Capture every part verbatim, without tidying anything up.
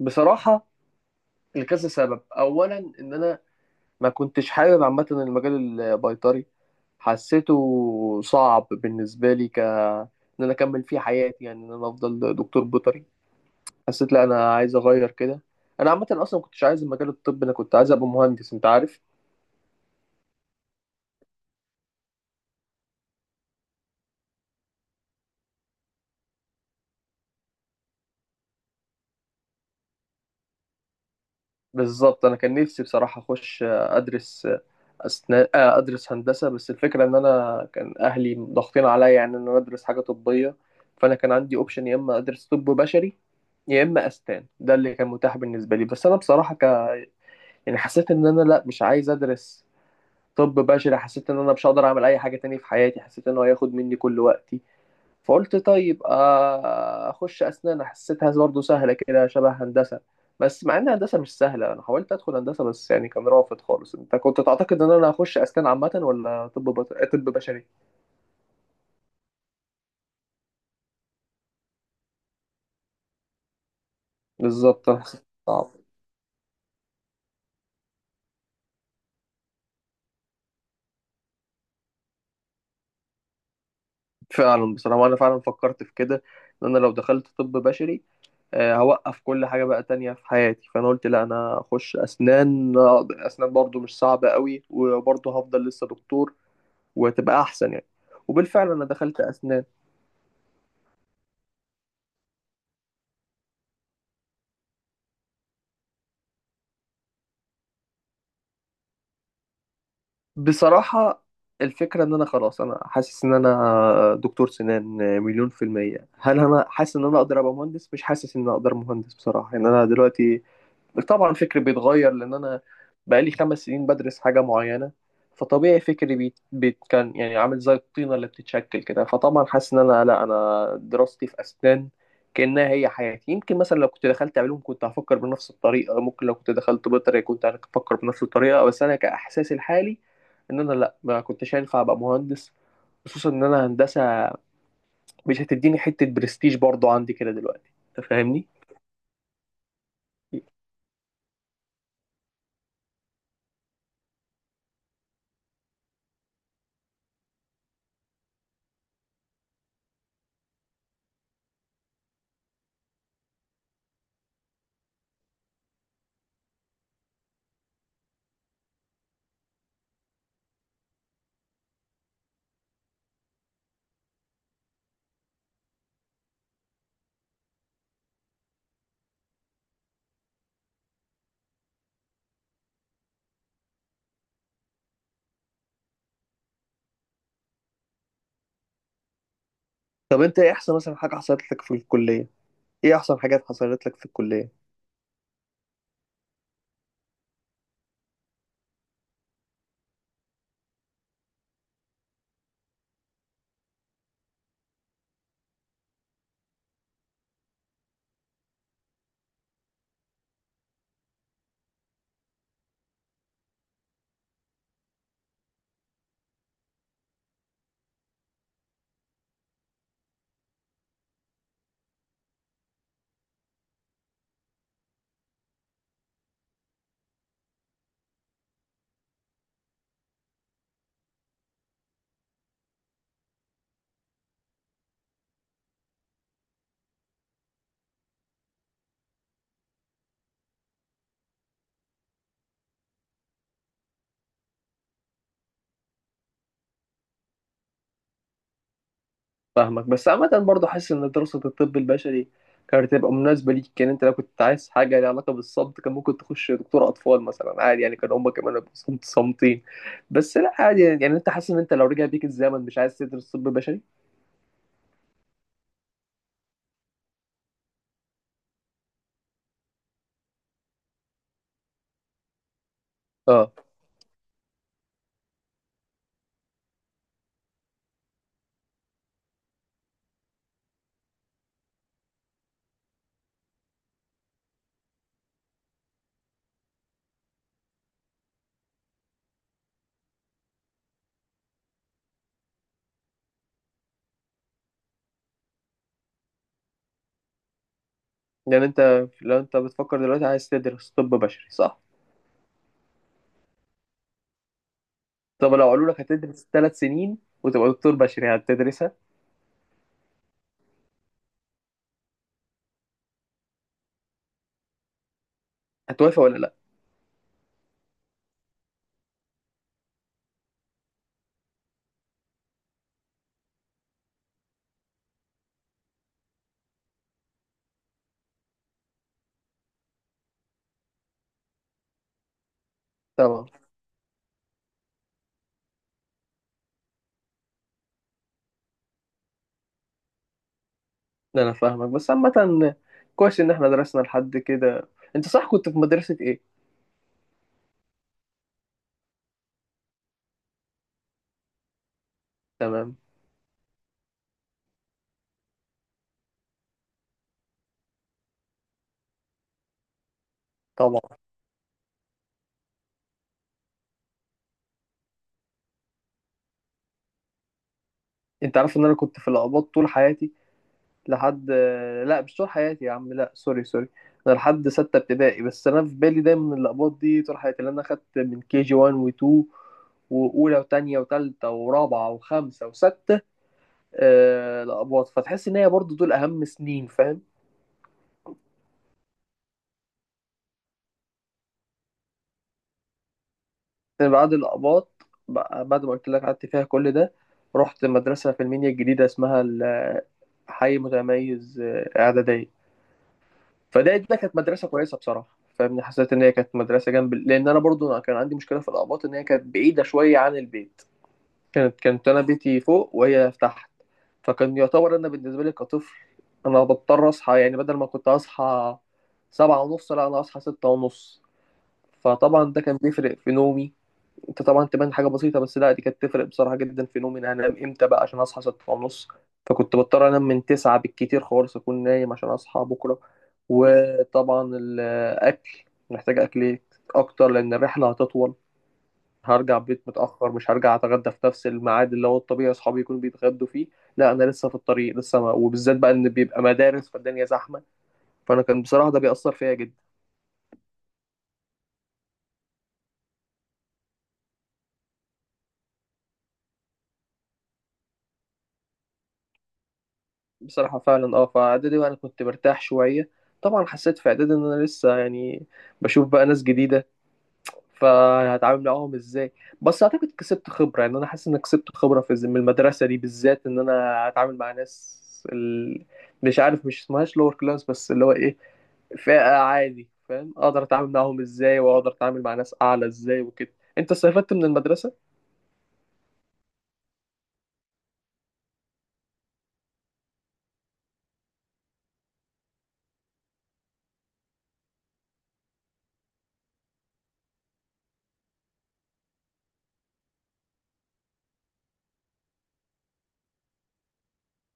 بصراحة، لكذا سبب أولا إن أنا ما كنتش حابب عامة المجال البيطري. حسيته صعب بالنسبة لي ك إن أنا أكمل فيه حياتي، يعني إن أنا أفضل دكتور بيطري. حسيت لا، أنا عايز أغير كده. أنا عامة أصلا ما كنتش عايز المجال الطبي، أنا كنت عايز أبقى مهندس، أنت عارف. بالظبط، أنا كان نفسي بصراحة أخش أدرس اثناء آه، ادرس هندسه. بس الفكره ان انا كان اهلي ضاغطين عليا، يعني ان انا ادرس حاجه طبيه. فانا كان عندي اوبشن، يا اما ادرس طب بشري يا اما اسنان، ده اللي كان متاح بالنسبه لي. بس انا بصراحه ك... يعني حسيت ان انا لا، مش عايز ادرس طب بشري. حسيت ان انا مش هقدر اعمل اي حاجه تانية في حياتي، حسيت ان هو هياخد مني كل وقتي. فقلت طيب، آه، اخش اسنان. حسيتها برضه سهله كده، شبه هندسه. بس مع ان هندسه مش سهله، انا حاولت ادخل هندسه بس يعني كان رافض خالص. انت كنت تعتقد ان انا هخش اسنان عامه ولا طب بط... طب بشري؟ بالظبط. صعب. فعلا، بصراحه انا فعلا فكرت في كده، ان انا لو دخلت طب بشري آه، هوقف كل حاجه بقى تانية في حياتي. فانا قلت لا، انا اخش اسنان. آه، اسنان برضه مش صعبه قوي وبرضه هفضل لسه دكتور. وتبقى احسن يعني. وبالفعل انا دخلت اسنان. بصراحة، الفكرة ان انا خلاص، انا حاسس ان انا دكتور سنان مليون في المية. هل انا حاسس ان انا اقدر ابقى مهندس؟ مش حاسس ان انا اقدر مهندس بصراحة، يعني انا دلوقتي. طبعا فكري بيتغير، لان انا بقالي خمس سنين بدرس حاجه معينه. فطبيعي فكري بيت بيت كان يعني عامل زي الطينه اللي بتتشكل كده. فطبعا حاسس ان انا لا، انا دراستي في اسنان كانها هي حياتي. يمكن مثلا لو كنت دخلت علوم كنت هفكر بنفس الطريقه، ممكن لو كنت دخلت بيطري كنت هفكر بنفس الطريقه. بس انا كاحساسي الحالي، ان انا لا ما كنتش هينفع ابقى مهندس. خصوصا ان انا هندسه مش هتديني حته برستيج برضو عندي كده دلوقتي، انت فاهمني. طب انت ايه احسن مثلا حاجه حصلت لك في الكليه؟ ايه احسن حاجات حصلت لك في الكليه؟ فاهمك، بس عامه برضه حاسس ان دراسه الطب البشري كانت هتبقى مناسبه ليك. كان انت لو كنت عايز حاجه ليها علاقه بالصمت، كان ممكن تخش دكتور اطفال مثلا عادي يعني، كان هما كمان هيبقوا صمت صامتين. بس لا عادي يعني، يعني انت حاسس ان انت لو رجع بيك الزمن مش عايز تدرس طب بشري؟ اه، يعني انت لو انت بتفكر دلوقتي عايز تدرس طب بشري، صح؟ طب لو قالوا لك هتدرس ثلاث سنين وتبقى دكتور بشري، هتدرسها؟ هتوافق ولا لا؟ طبعا. ده انا فاهمك بس عامة. كويس ان احنا درسنا لحد كده. انت صح، كنت في مدرسة ايه؟ تمام. طبعا. انت عارف ان انا كنت في القباط طول حياتي لحد. لا، مش طول حياتي يا عم، لا، سوري سوري. انا لحد ستة ابتدائي، بس انا في بالي دايما ان القباط دي طول حياتي لان انا خدت من كي جي واحد و2 واولى وتانية وتالتة ورابعة وخمسة وستة. آه، القباط، فتحس ان هي برضو دول اهم سنين، فاهم؟ بعد الأباط بقى- بعد ما قلت لك قعدت فيها كل ده. رحت مدرسة في المنيا الجديدة اسمها ال- حي متميز، آه، إعدادية. فده ده كانت مدرسة كويسة بصراحة، فاهمني. حسيت إن هي كانت مدرسة جنب، لأن أنا برضو كان عندي مشكلة في الأباط إن هي كانت بعيدة شوية عن البيت. كانت كانت أنا بيتي فوق وهي تحت. فكان يعتبر أنا بالنسبة لي كطفل، أنا بضطر أصحى يعني بدل ما كنت أصحى سبعة ونص، لا أنا أصحى ستة ونص. فطبعا ده كان بيفرق في نومي. انت طبعا تبان حاجه بسيطه، بس لا، دي كانت تفرق بصراحه جدا في نومي. انا هنام امتى بقى عشان اصحى ستة ونص؟ فكنت بضطر انام من تسعة بالكتير خالص اكون نايم عشان اصحى بكره. وطبعا الاكل، محتاج اكل إيه؟ اكتر، لان الرحله هتطول. هرجع البيت متاخر، مش هرجع اتغدى في نفس الميعاد اللي هو الطبيعي اصحابي يكونوا بيتغدوا فيه. لا، انا لسه في الطريق لسه ما... وبالذات بقى ان بيبقى مدارس فالدنيا زحمه. فانا كان بصراحه، ده بيأثر فيا جدا. بصراحة فعلا، اه، فإعدادي بقى أنا كنت مرتاح شوية. طبعا حسيت في إعدادي إن أنا لسه يعني بشوف بقى ناس جديدة، فهتعامل معاهم إزاي. بس أعتقد كسبت خبرة، يعني أنا حاسس إن أنا كسبت خبرة في الز- من المدرسة دي بالذات، إن أنا هتعامل مع ناس. ال... مش عارف مش اسمهاش لور كلاس، بس اللي هو إيه، فئة عادي، فاهم؟ أقدر أتعامل معاهم إزاي، وأقدر أتعامل مع ناس أعلى إزاي وكده. أنت استفدت من المدرسة؟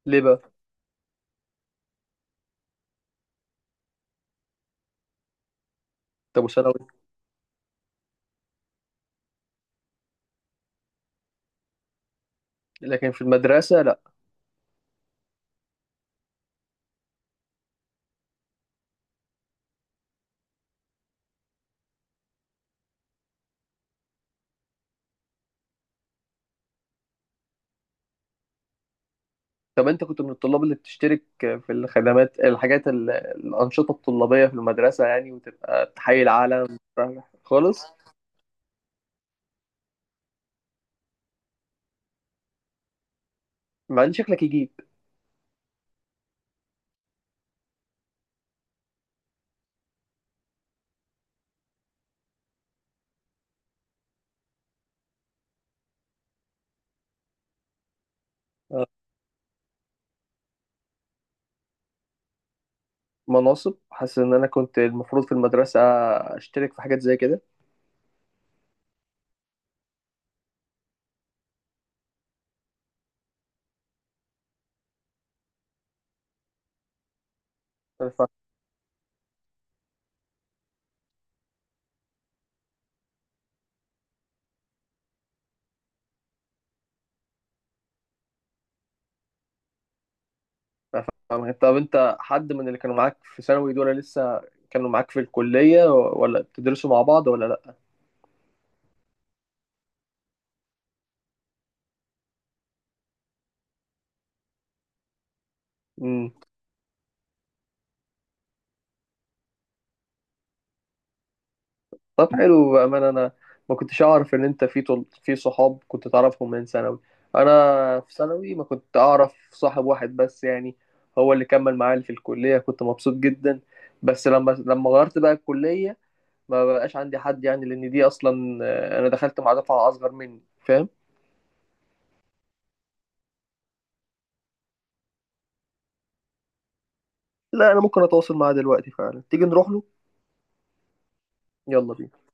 ليه بقى؟ طب وثانوي؟ لكن في المدرسة؟ طب انت كنت من الطلاب اللي بتشترك في الخدمات الحاجات ال- الأنشطة الطلابية في المدرسة، يعني وتبقى تحيي العالم؟ خالص؟ مع ان شكلك يجيب. آه، مناصب. حاسس ان انا كنت المفروض في المدرسة اشترك في حاجات زي كده. أنا فاهم- فاهم. طب انت حد من اللي كانوا معاك في ثانوي دول لسه كانوا معاك في الكلية، ولا بتدرسوا مع بعض، ولا؟ لا، طب حلو بأمانة أنا ما كنتش أعرف إن أنت في طل... في صحاب كنت تعرفهم من ثانوي. أنا في ثانوي ما كنت أعرف صاحب واحد بس يعني. هو اللي كمل معايا في الكلية، كنت مبسوط جدا. بس لما لما غيرت بقى الكلية. ما بقاش عندي حد يعني، لأن دي أصلا آه، أنا دخلت مع دفعة أصغر مني، فاهم؟ لا، أنا ممكن أتواصل معاه دلوقتي فعلا، تيجي نروح له. يلا بينا.